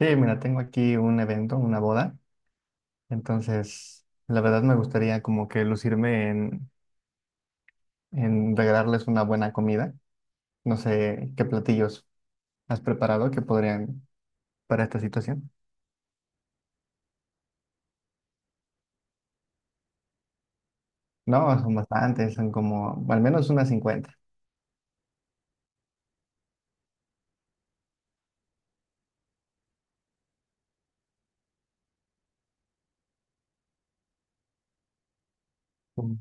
Sí, mira, tengo aquí un evento, una boda, entonces la verdad me gustaría como que lucirme en regalarles una buena comida. No sé qué platillos has preparado que podrían para esta situación. No, son bastantes, son como al menos unas 50. Mm,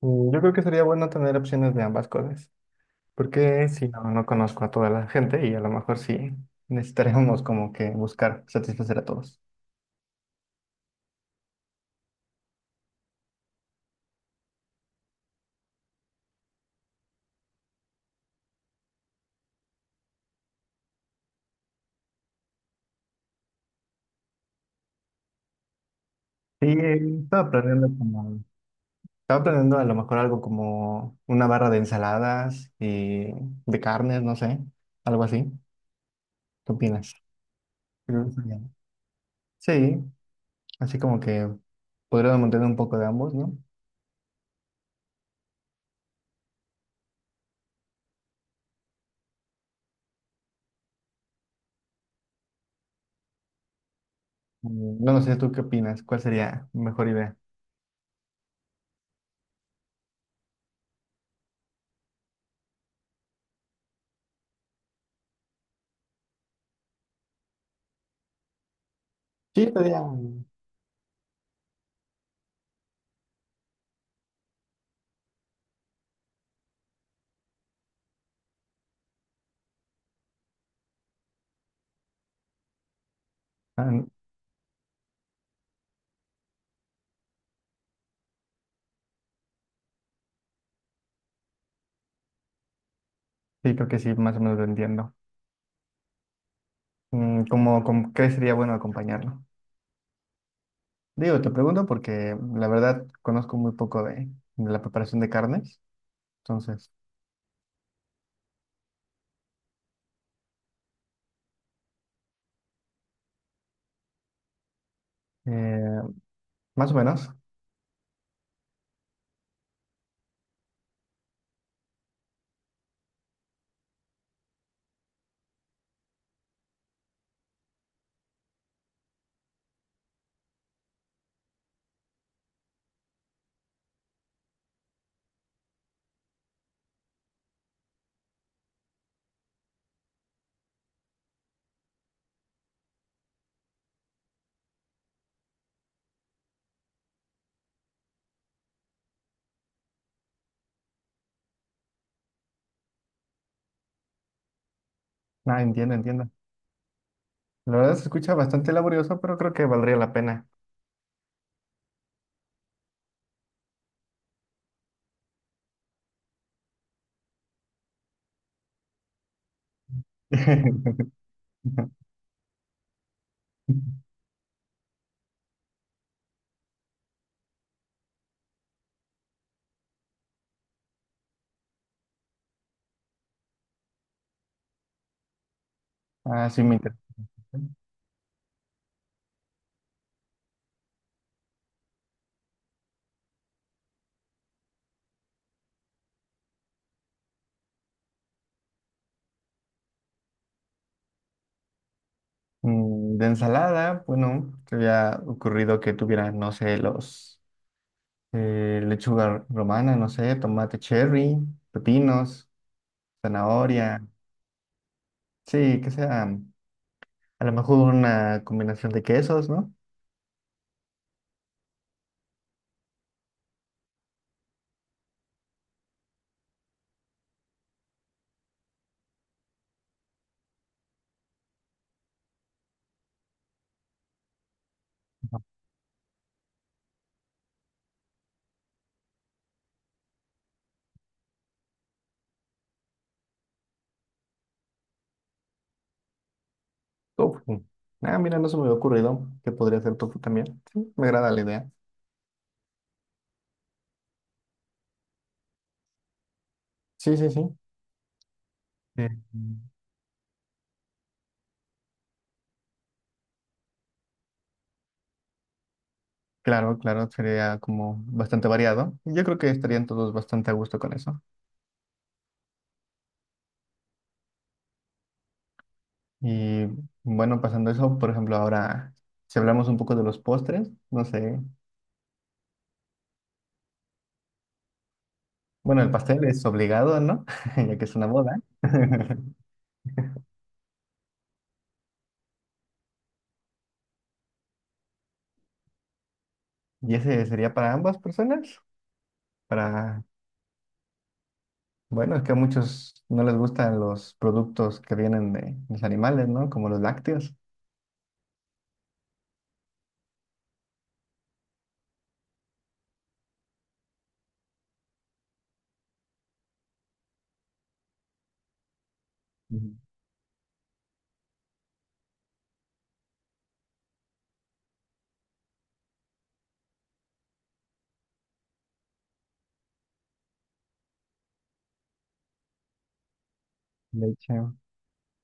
Yo creo que sería bueno tener opciones de ambas cosas, porque si no, no conozco a toda la gente y a lo mejor sí necesitaríamos como que buscar satisfacer a todos. Sí, estaba planeando a lo mejor algo como una barra de ensaladas y de carnes, no sé, algo así. ¿Qué opinas? Creo que está bien. Sí, así como que podríamos mantener un poco de ambos, ¿no? No, no sé, ¿tú qué opinas? ¿Cuál sería mejor idea? Sí, sería... Ah, n- sí, creo que sí, más o menos lo entiendo. ¿Cómo, qué sería bueno acompañarlo? Digo, te pregunto porque la verdad conozco muy poco de la preparación de carnes, entonces, eh, más o menos. Ah, entiendo, entiendo. La verdad se escucha bastante laborioso, pero creo que valdría la pena. Ah, sí, me interesa. De ensalada, bueno, se había ocurrido que tuviera, no sé, los lechuga romana, no sé, tomate cherry, pepinos, zanahoria. Sí, que sea a lo mejor una combinación de quesos, ¿no? Tofu. Ah, mira, no se me había ocurrido que podría ser tofu también. Sí, me agrada la idea. Sí, sí, sí. Sí. Claro, claro, sería como bastante variado. Yo creo que estarían todos bastante a gusto con eso. Y bueno, pasando eso, por ejemplo, ahora, si hablamos un poco de los postres, no sé, bueno, el pastel es obligado, ¿no? Ya que es una boda. Y ese sería para ambas personas, para, bueno, es que a muchos no les gustan los productos que vienen de los animales, ¿no? Como los lácteos. Ujú. Leche.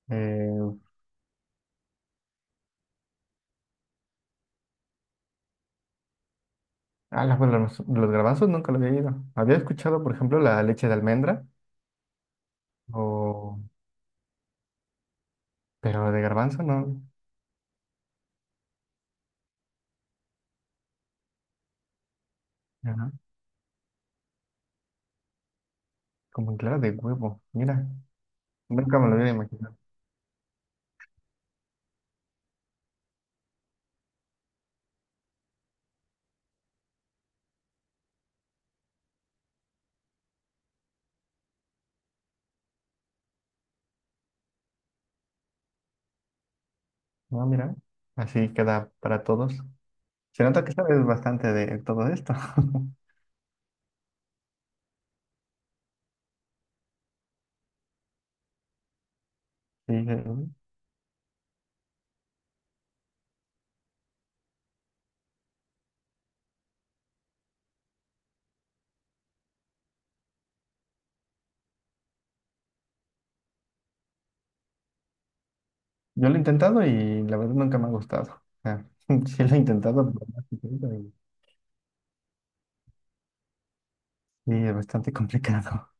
Eh, la- bueno, los garbanzos nunca lo había oído. Había escuchado, por ejemplo, la leche de almendra o, pero de garbanzo no. Ajá. Como claro, de huevo. Mira, nunca me lo hubiera imaginado. No, mira, así queda para todos. Se nota que sabes bastante de todo esto. Sí, yo lo he intentado y la verdad nunca me ha gustado. O sea, sí lo he intentado, pero más que intento y es bastante complicado.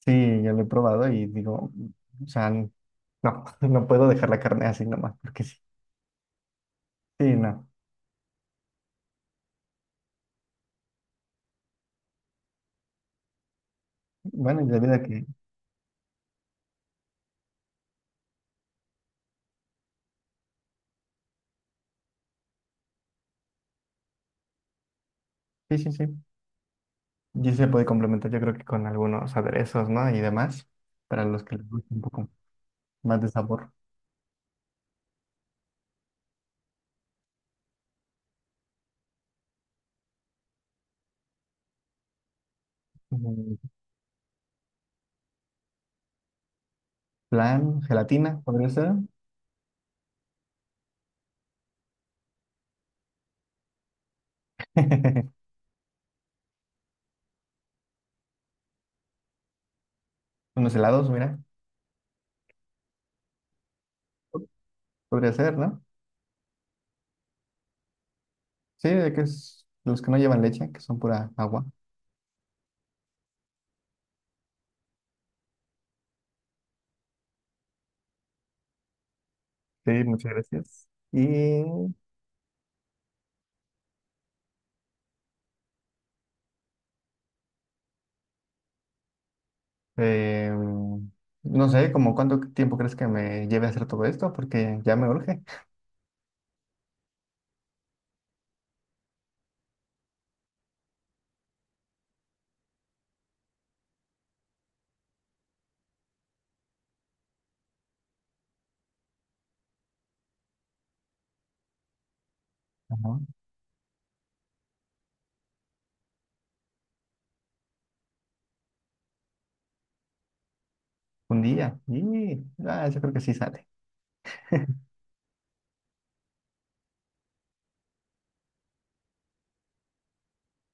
Sí, yo lo he probado y digo, o sea, no, no puedo dejar la carne así nomás, porque sí. Sí, no. Bueno, y la vida que... Sí, sí, sí. Y sí se puede complementar, yo creo que con algunos aderezos, ¿no? Y demás, para los que les guste un poco más de sabor. Mm, Plan, gelatina, podría ser. Unos helados, mira. Podría ser, ¿no? Sí, de que es los que no llevan leche, que son pura agua. Sí, muchas gracias. Y eh, no sé, como cuánto tiempo crees que me lleve a hacer todo esto, porque ya me urge. Ajá. Un día. Y ah, yo creo que sí sale.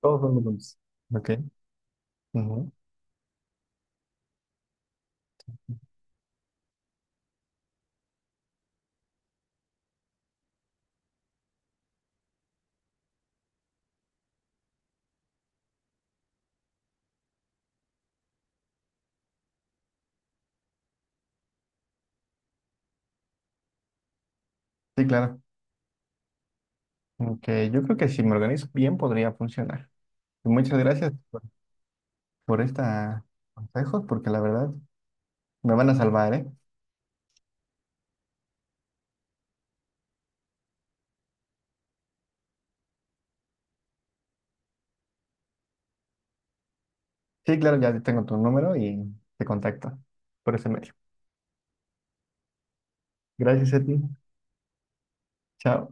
Todos son menús. Ok. Ujú. Sí, claro. Ok, yo creo que si me organizo bien podría funcionar. Y muchas gracias por estos consejos, porque la verdad me van a salvar, ¿eh? Sí, claro, ya tengo tu número y te contacto por ese medio. Gracias a ti. Chao.